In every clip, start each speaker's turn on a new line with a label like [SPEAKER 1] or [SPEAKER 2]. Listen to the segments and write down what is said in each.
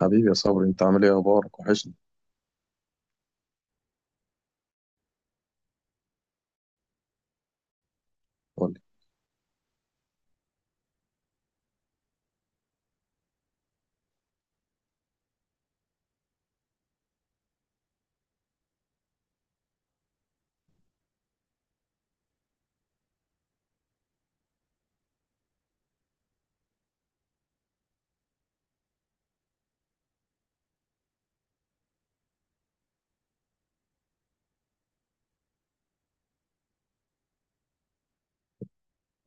[SPEAKER 1] حبيبي يا صبري، انت عامل ايه؟ اخبارك وحشني. قول لي.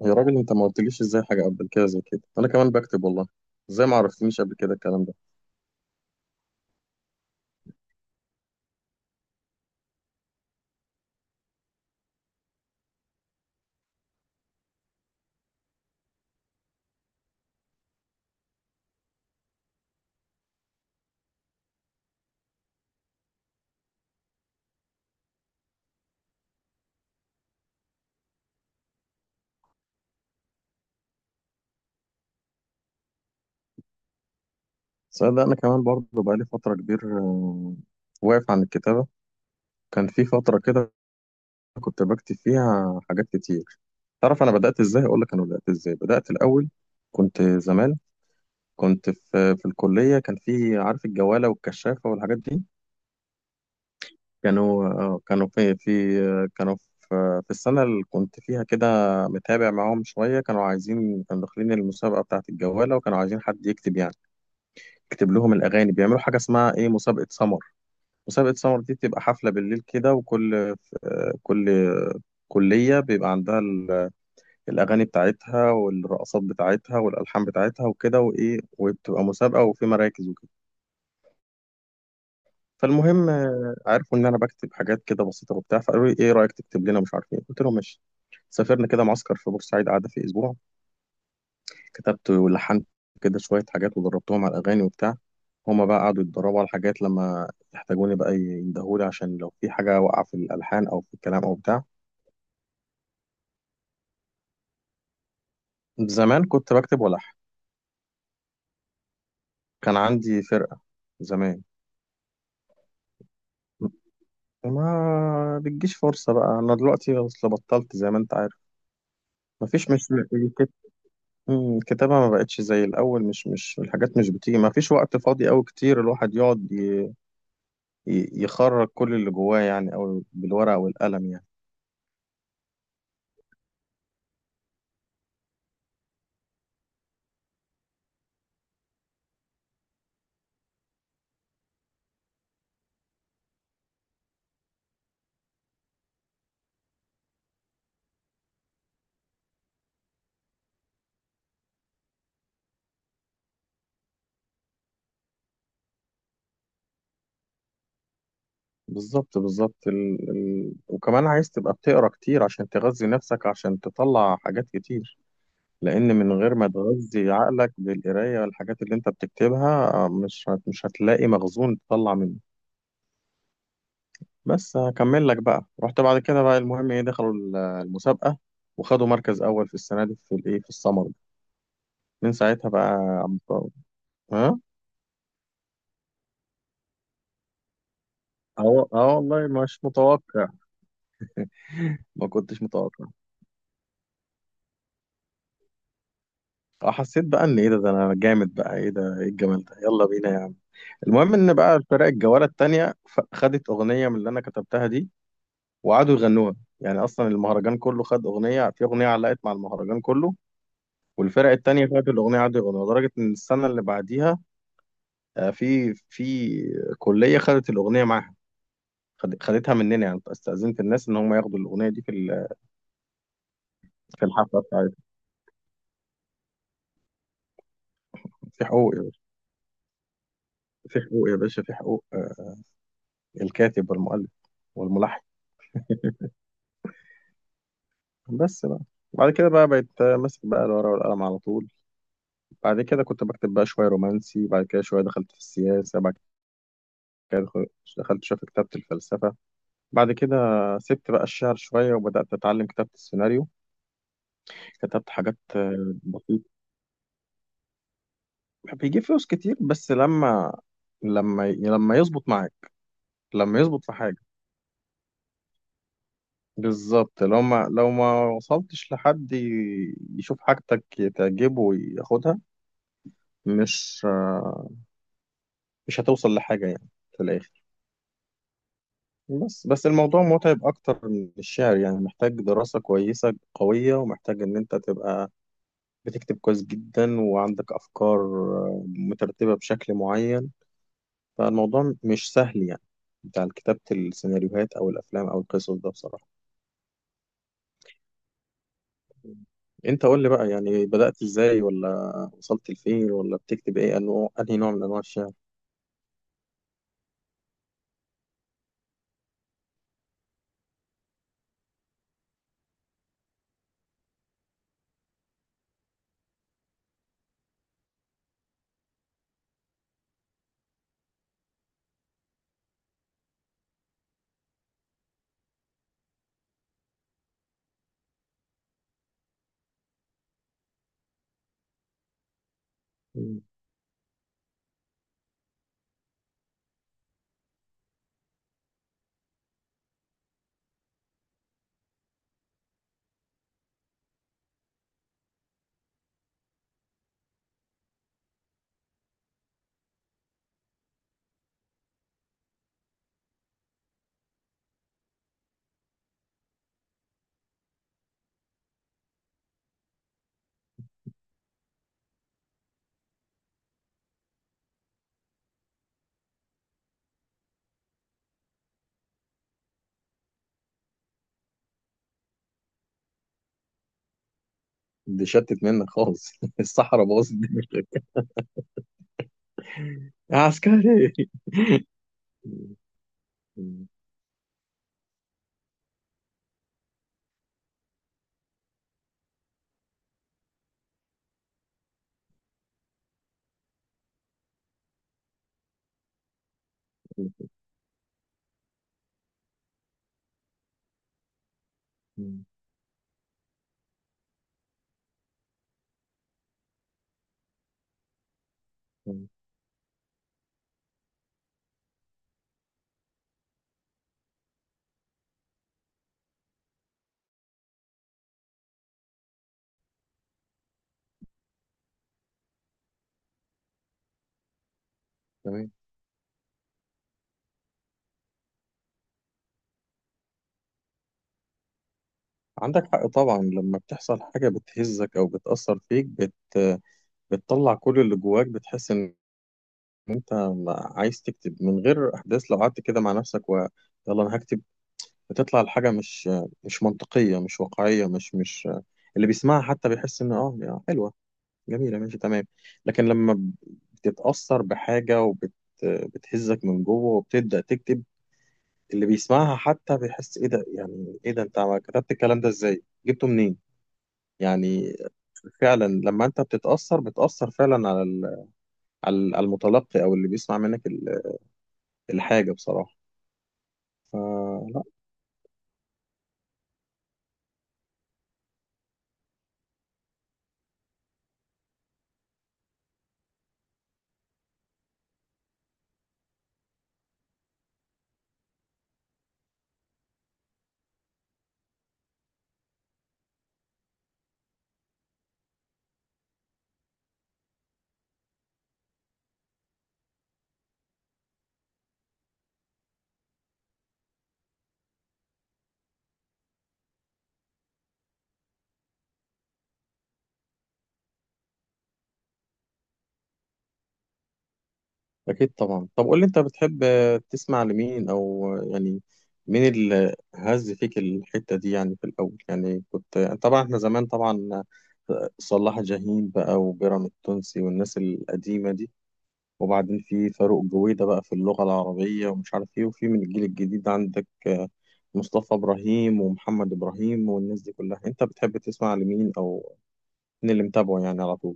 [SPEAKER 1] يا راجل، انت ما قلتليش ازاي حاجه قبل كده؟ زي كده انا كمان بكتب والله. ازاي ما عرفتنيش قبل كده الكلام ده؟ صدق انا كمان برضه بقالي فتره كبير واقف عن الكتابه. كان في فتره كده كنت بكتب فيها حاجات كتير. تعرف انا بدات ازاي؟ اقول لك انا بدات ازاي. بدات الاول كنت زمان، كنت في الكليه، كان في عارف الجواله والكشافه والحاجات دي. كانوا كانوا في كانوا في في السنة اللي كنت فيها كده متابع معاهم شوية. كانوا عايزين، كانوا داخلين المسابقة بتاعة الجوالة، وكانوا عايزين حد يكتب، يعني يكتب لهم الأغاني. بيعملوا حاجة اسمها إيه، مسابقة سمر. مسابقة سمر دي بتبقى حفلة بالليل كده، وكل كل كلية بيبقى عندها الأغاني بتاعتها والرقصات بتاعتها والألحان بتاعتها وكده وإيه، وبتبقى مسابقة وفي مراكز وكده. فالمهم عرفوا ان انا بكتب حاجات كده بسيطه وبتاع، فقالوا لي ايه رايك تكتب لنا مش عارف ايه، قلت لهم ماشي. سافرنا كده معسكر في بورسعيد، قعدة في اسبوع. كتبت ولحنت كده شويه حاجات ودربتهم على الاغاني وبتاع. هما بقى قعدوا يتدربوا على حاجات، لما يحتاجوني بقى يندهولي عشان لو في حاجه واقعه في الالحان او في الكلام او بتاع. زمان كنت بكتب والحن. كان عندي فرقه زمان. ما بتجيش فرصه بقى، انا دلوقتي اصل بطلت زي ما انت عارف. مفيش، مش الكتابة ما بقتش زي الأول. مش الحاجات مش بتيجي، ما فيش وقت فاضي أوي كتير الواحد يقعد يخرج كل اللي جواه يعني، أو بالورقة والقلم يعني. بالظبط بالظبط، وكمان عايز تبقى بتقرا كتير عشان تغذي نفسك، عشان تطلع حاجات كتير. لأن من غير ما تغذي عقلك بالقراية والحاجات اللي أنت بتكتبها، مش هتلاقي مخزون تطلع منه. بس هكمل لك بقى. رحت بعد كده بقى المهم إيه، دخلوا المسابقة وخدوا مركز أول في السنة دي في الإيه، في السمر. من ساعتها بقى عم بقى- ها. اه اه، والله مش متوقع. ما كنتش متوقع. اه، حسيت بقى ان ايه ده، ده انا جامد بقى، ايه ده، ايه الجمال ده، يلا بينا يا عم. المهم ان بقى الفرق الجوله التانيه خدت اغنيه من اللي انا كتبتها دي، وقعدوا يغنوها. يعني اصلا المهرجان كله خد اغنيه، في اغنيه علقت مع المهرجان كله. والفرق التانيه خدت الاغنيه قعدوا يغنوها، لدرجه ان السنه اللي بعديها في في كليه خدت الاغنيه معاها. خدتها مننا، يعني استاذنت الناس ان هم ياخدوا الاغنيه دي في في الحفله بتاعتهم. في حقوق يا باشا، في حقوق يا باشا، في حقوق الكاتب والمؤلف والملحن. بس بقى. بعد كده بقى بقيت ماسك بقى الورقة والقلم على طول. بعد كده كنت بكتب بقى شوية رومانسي، بعد كده شوية دخلت في السياسة، بعد كده دخلت شوية في كتابة الفلسفة. بعد كده سبت بقى الشعر شوية وبدأت أتعلم كتابة السيناريو. كتبت حاجات بسيطة. بيجيب فلوس كتير بس لما، لما يظبط معاك. لما يظبط في حاجة. بالظبط، لو ما وصلتش لحد يشوف حاجتك تعجبه وياخدها، مش مش هتوصل لحاجة يعني في الآخر. بس الموضوع متعب أكتر من الشعر يعني، محتاج دراسة كويسة قوية، ومحتاج إن أنت تبقى بتكتب كويس جدا، وعندك أفكار مترتبة بشكل معين. فالموضوع مش سهل يعني، بتاع كتابة السيناريوهات أو الأفلام أو القصص ده بصراحة. انت قول لي بقى، يعني بدأت ازاي، ولا وصلت لفين، ولا بتكتب ايه، انه انهي نوع من انواع الشعر؟ مم. دي شتت منك خالص. الصحراء باظت الدنيا. يا عسكري. مم. مم. مم. مم. تمام. عندك حق طبعا. لما بتحصل حاجة بتهزك او بتأثر فيك، بتطلع كل اللي جواك. بتحس ان انت عايز تكتب من غير احداث، لو قعدت كده مع نفسك يلا انا هكتب، بتطلع الحاجة مش مش منطقية، مش واقعية، مش اللي بيسمعها حتى بيحس إن آه يا حلوة، جميلة، ماشي تمام. لكن لما بتتأثر بحاجة وبت بتهزك من جوه وبتبدأ تكتب، اللي بيسمعها حتى بيحس إيه ده، يعني إيه ده، أنت كتبت الكلام ده إزاي؟ جبته منين؟ يعني فعلا لما أنت بتتأثر بتأثر فعلا على ال- على ال- على المتلقي أو اللي بيسمع منك الحاجة بصراحة. فلا، أكيد طبعا. طب قول لي، أنت بتحب تسمع لمين، أو يعني مين اللي هز فيك الحتة دي يعني في الأول؟ يعني كنت طبعا، إحنا زمان طبعا صلاح جاهين بقى، وبيراميد التونسي، والناس القديمة دي، وبعدين في فاروق جويدة بقى في اللغة العربية، ومش عارف إيه، وفي من الجيل الجديد عندك مصطفى إبراهيم ومحمد إبراهيم والناس دي كلها. أنت بتحب تسمع لمين، أو مين اللي متابعه يعني على طول؟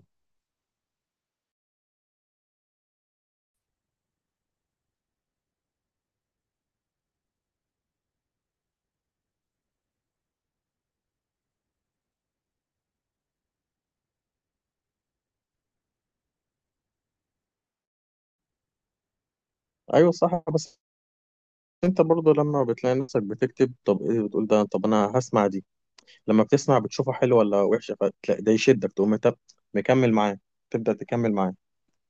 [SPEAKER 1] أيوة صح. بس انت برضه لما بتلاقي نفسك بتكتب، طب ايه بتقول ده، طب انا هسمع دي، لما بتسمع بتشوفها حلوه ولا وحشه، فتلاقي ده يشدك تقوم انت مكمل معاه، تبدا تكمل معاه،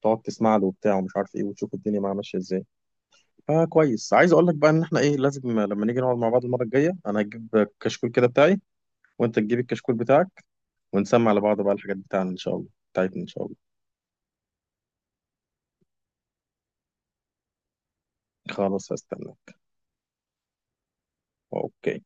[SPEAKER 1] تقعد تسمع له وبتاع ومش عارف ايه، وتشوف الدنيا معاه ماشيه ازاي. فكويس، عايز اقول لك بقى ان احنا ايه، لازم لما نيجي نقعد مع بعض المره الجايه، انا هجيب كشكول كده بتاعي، وانت تجيب الكشكول بتاعك، ونسمع لبعض بقى الحاجات بتاعنا ان شاء الله، بتاعتنا ان شاء الله. خلاص هستناك. اوكي.